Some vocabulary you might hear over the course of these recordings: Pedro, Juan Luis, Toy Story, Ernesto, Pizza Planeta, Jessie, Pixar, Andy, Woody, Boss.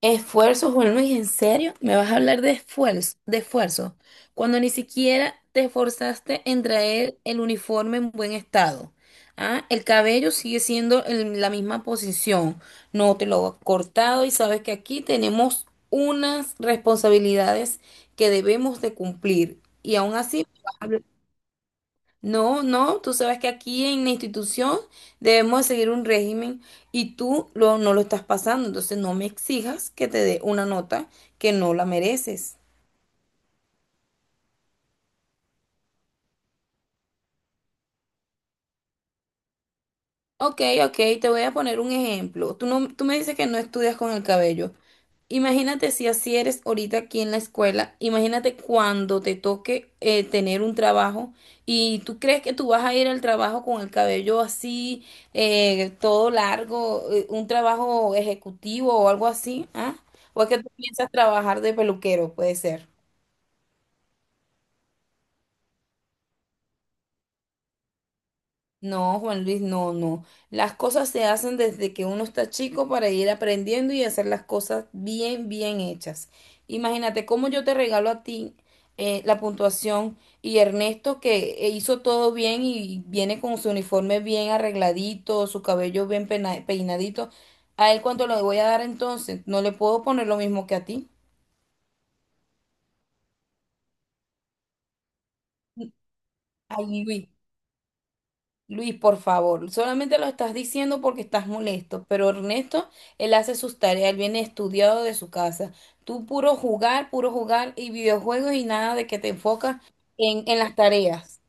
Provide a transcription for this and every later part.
Esfuerzo, Juan Luis, ¿en serio? ¿Me vas a hablar de esfuerzo, de esfuerzo? Cuando ni siquiera te esforzaste en traer el uniforme en buen estado. ¿Ah? El cabello sigue siendo en la misma posición. No te lo has cortado y sabes que aquí tenemos unas responsabilidades que debemos de cumplir. Y aún así, no, no, tú sabes que aquí en la institución debemos seguir un régimen y no lo estás pasando, entonces no me exijas que te dé una nota que no la mereces. Ok, ok, te voy a poner un ejemplo. Tú, no, tú me dices que no estudias con el cabello. Imagínate si así eres ahorita aquí en la escuela, imagínate cuando te toque tener un trabajo y tú crees que tú vas a ir al trabajo con el cabello así, todo largo, un trabajo ejecutivo o algo así, ¿ah? O es que tú piensas trabajar de peluquero, puede ser. No, Juan Luis, no, no. Las cosas se hacen desde que uno está chico para ir aprendiendo y hacer las cosas bien, bien hechas. Imagínate cómo yo te regalo a ti la puntuación y Ernesto que hizo todo bien y viene con su uniforme bien arregladito, su cabello peinadito. ¿A él cuánto le voy a dar entonces? No le puedo poner lo mismo que a ti. Ay, Luis. Luis, por favor, solamente lo estás diciendo porque estás molesto, pero Ernesto, él hace sus tareas, él viene estudiado de su casa. Tú puro jugar y videojuegos y nada de que te enfocas en las tareas.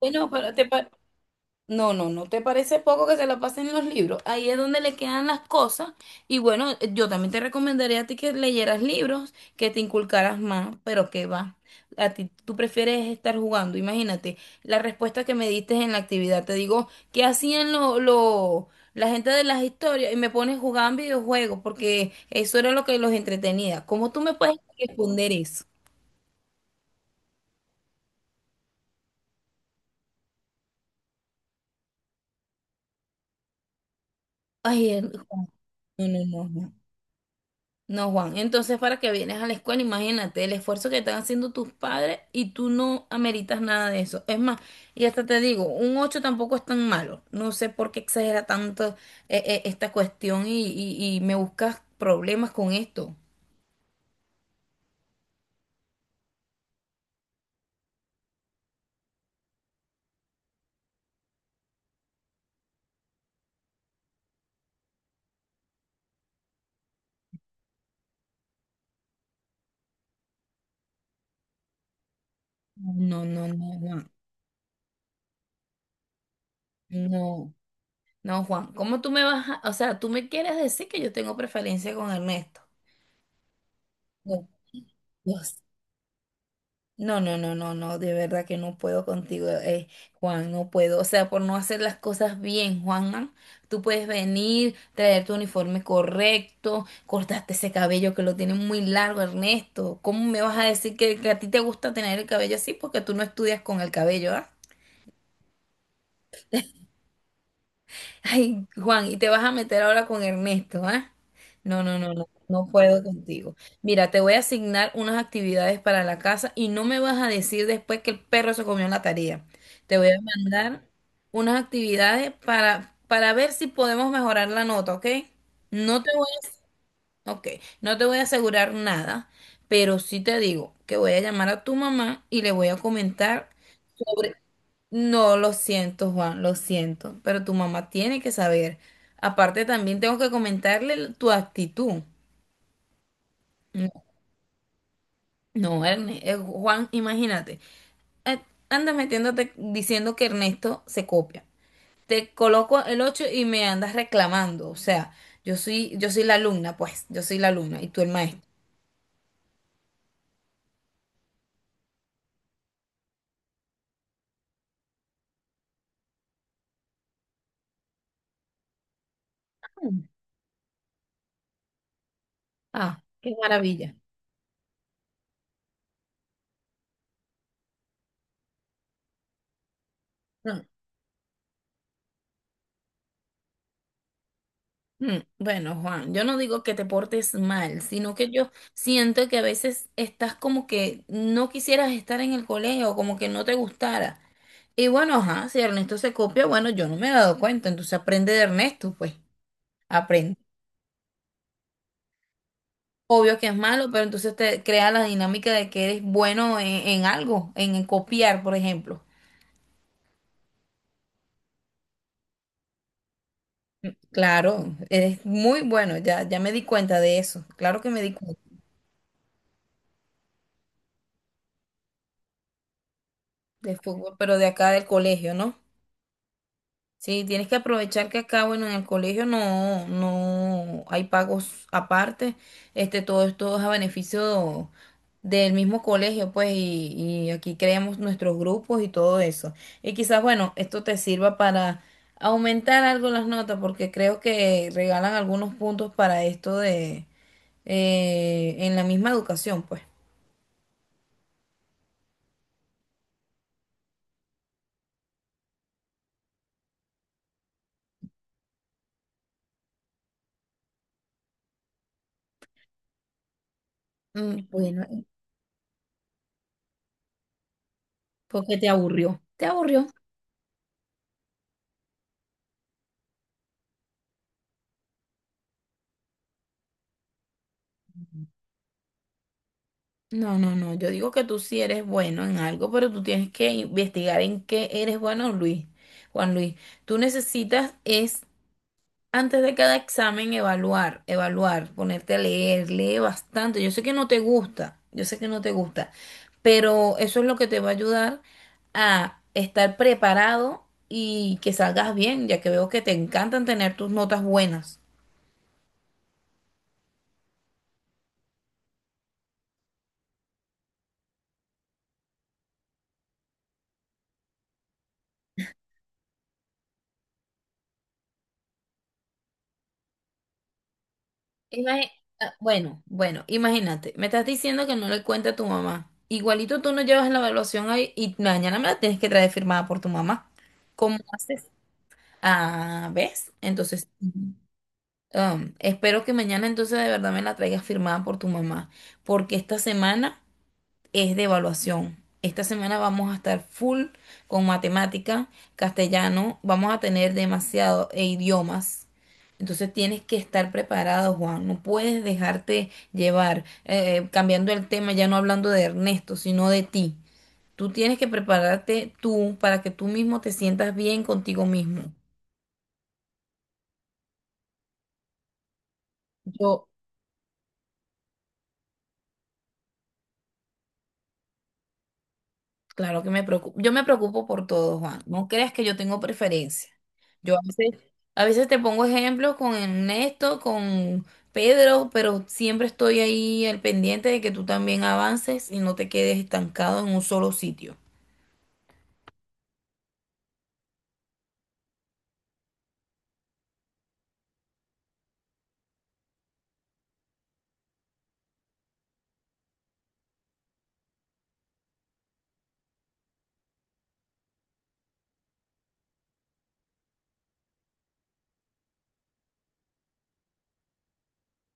Bueno, pero te, pa- No, no, ¿no te parece poco que se la pasen en los libros? Ahí es donde le quedan las cosas. Y bueno, yo también te recomendaría a ti que leyeras libros, que te inculcaras más, pero que va. A ti, tú prefieres estar jugando. Imagínate, la respuesta que me diste en la actividad. Te digo, ¿qué hacían la gente de las historias? Y me pones jugando videojuegos, porque eso era lo que los entretenía. ¿Cómo tú me puedes responder eso? Ay, el- no, no, no. No. No, Juan, entonces para que vienes a la escuela, imagínate el esfuerzo que están haciendo tus padres y tú no ameritas nada de eso. Es más, y hasta te digo, un 8 tampoco es tan malo. No sé por qué exagera tanto esta cuestión y me buscas problemas con esto. No, no, no, Juan, no, no, Juan, ¿cómo tú me vas a, o sea, tú me quieres decir que yo tengo preferencia con Ernesto? No. No, no, no, no, no, de verdad que no puedo contigo, Juan, no puedo. O sea, por no hacer las cosas bien, Juan, tú puedes venir, traer tu uniforme correcto, cortaste ese cabello que lo tienes muy largo, Ernesto. ¿Cómo me vas a decir que a ti te gusta tener el cabello así? Porque tú no estudias con el cabello, ¿ah? Ay, Juan, y te vas a meter ahora con Ernesto, ¿ah? No, no, no, no, no puedo contigo. Mira, te voy a asignar unas actividades para la casa y no me vas a decir después que el perro se comió la tarea. Te voy a mandar unas actividades para ver si podemos mejorar la nota, ¿ok? No te voy a, ok, no te voy a asegurar nada, pero sí te digo que voy a llamar a tu mamá y le voy a comentar. Sobre No, lo siento, Juan, lo siento, pero tu mamá tiene que saber. Aparte, también tengo que tu actitud. No, no, Juan, imagínate, eh, andas metiéndote diciendo que Ernesto se copia. Te coloco el 8 y me andas reclamando. O sea, yo soy la alumna, pues, yo soy la alumna y tú el maestro. Mm. Ah, qué maravilla. Mm. Bueno, Juan, yo no digo que te portes mal, sino que yo siento que a veces estás como que no quisieras estar en el colegio, como que no te gustara. Y bueno, ajá, si Ernesto se copia, bueno, yo no me he dado cuenta, entonces aprende de Ernesto, pues, aprende. Obvio que es malo, pero entonces te crea la dinámica de que eres bueno en algo, en copiar, por ejemplo. Claro, eres muy bueno, ya, ya me di cuenta de eso, claro que me di cuenta de fútbol, pero de acá del colegio, ¿no? Sí, tienes que aprovechar que acá, bueno, en el colegio no, no hay pagos aparte. Este, todo esto es a beneficio del mismo colegio, pues, y aquí creamos nuestros grupos y todo eso. Y quizás, bueno, esto te sirva para aumentar algo las notas, porque creo que regalan algunos puntos para esto de en la misma educación, pues. Mm. Bueno. Porque te aburrió. Te aburrió. No, no, no. Yo digo que tú sí eres bueno en algo, pero tú tienes que investigar en qué eres bueno, Luis. Juan Luis, tú necesitas es antes de cada examen evaluar, evaluar, ponerte a leer, lee bastante. Yo sé que no te gusta, yo sé que no te gusta, pero eso es lo que te va a ayudar a estar preparado y que salgas bien, ya que veo que te encantan tener tus notas buenas. Imagi- bueno, bueno, imagínate, me estás diciendo que no le cuente a tu mamá. Igualito tú no llevas la evaluación ahí y mañana me la tienes que traer firmada por tu mamá. ¿Cómo haces? Ah, ¿ves? Entonces, espero que mañana entonces de verdad me la traigas firmada por tu mamá, porque esta semana es de evaluación. Esta semana vamos a estar full con matemática, castellano, vamos a tener demasiado e idiomas. Entonces tienes que estar preparado, Juan. No puedes dejarte llevar, cambiando el tema, ya no hablando de Ernesto, sino de ti. Tú tienes que prepararte tú para que tú mismo te sientas bien contigo mismo. Yo Claro que me preocupo. Yo me preocupo por todo, Juan. No creas que yo tengo preferencia. Yo a veces, a veces te pongo ejemplos con Ernesto, con Pedro, pero siempre estoy ahí al pendiente de que tú también avances y no te quedes estancado en un solo sitio.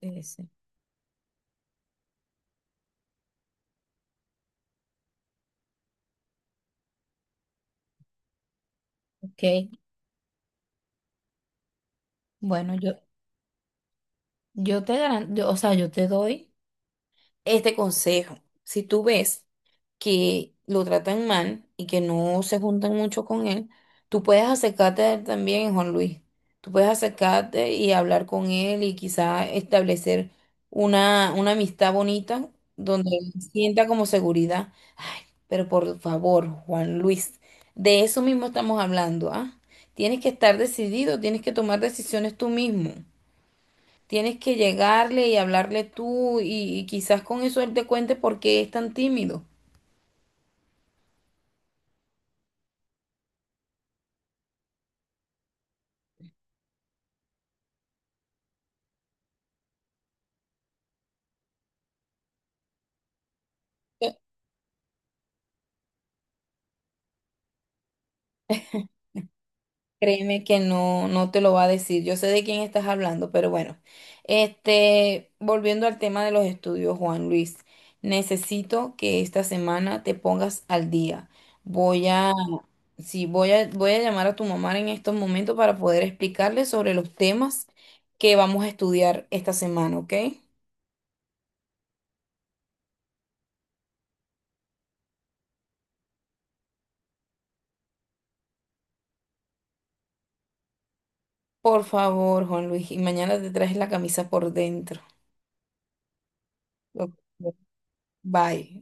Ese, Ok, bueno, yo o sea, yo te doy este consejo. Si tú ves que lo tratan mal y que no se juntan mucho con él, tú puedes acercarte a él también, Juan Luis. Tú puedes acercarte y hablar con él y quizá establecer una amistad bonita donde él sienta como seguridad. Ay, pero por favor, Juan Luis, de eso mismo estamos hablando, ¿ah? Tienes que estar decidido, tienes que tomar decisiones tú mismo. Tienes que llegarle y hablarle tú y quizás con eso él te cuente por qué es tan tímido. Créeme que no, no te lo va a decir. Yo sé de quién estás hablando, pero bueno. Este, volviendo al tema de los estudios, Juan Luis, necesito que esta semana te pongas al día. Voy a, sí, voy a llamar a tu mamá en estos momentos para poder explicarle sobre los temas que vamos a estudiar esta semana, ¿ok? Por favor, Juan Luis, y mañana te traes la camisa por dentro. Ok, bye.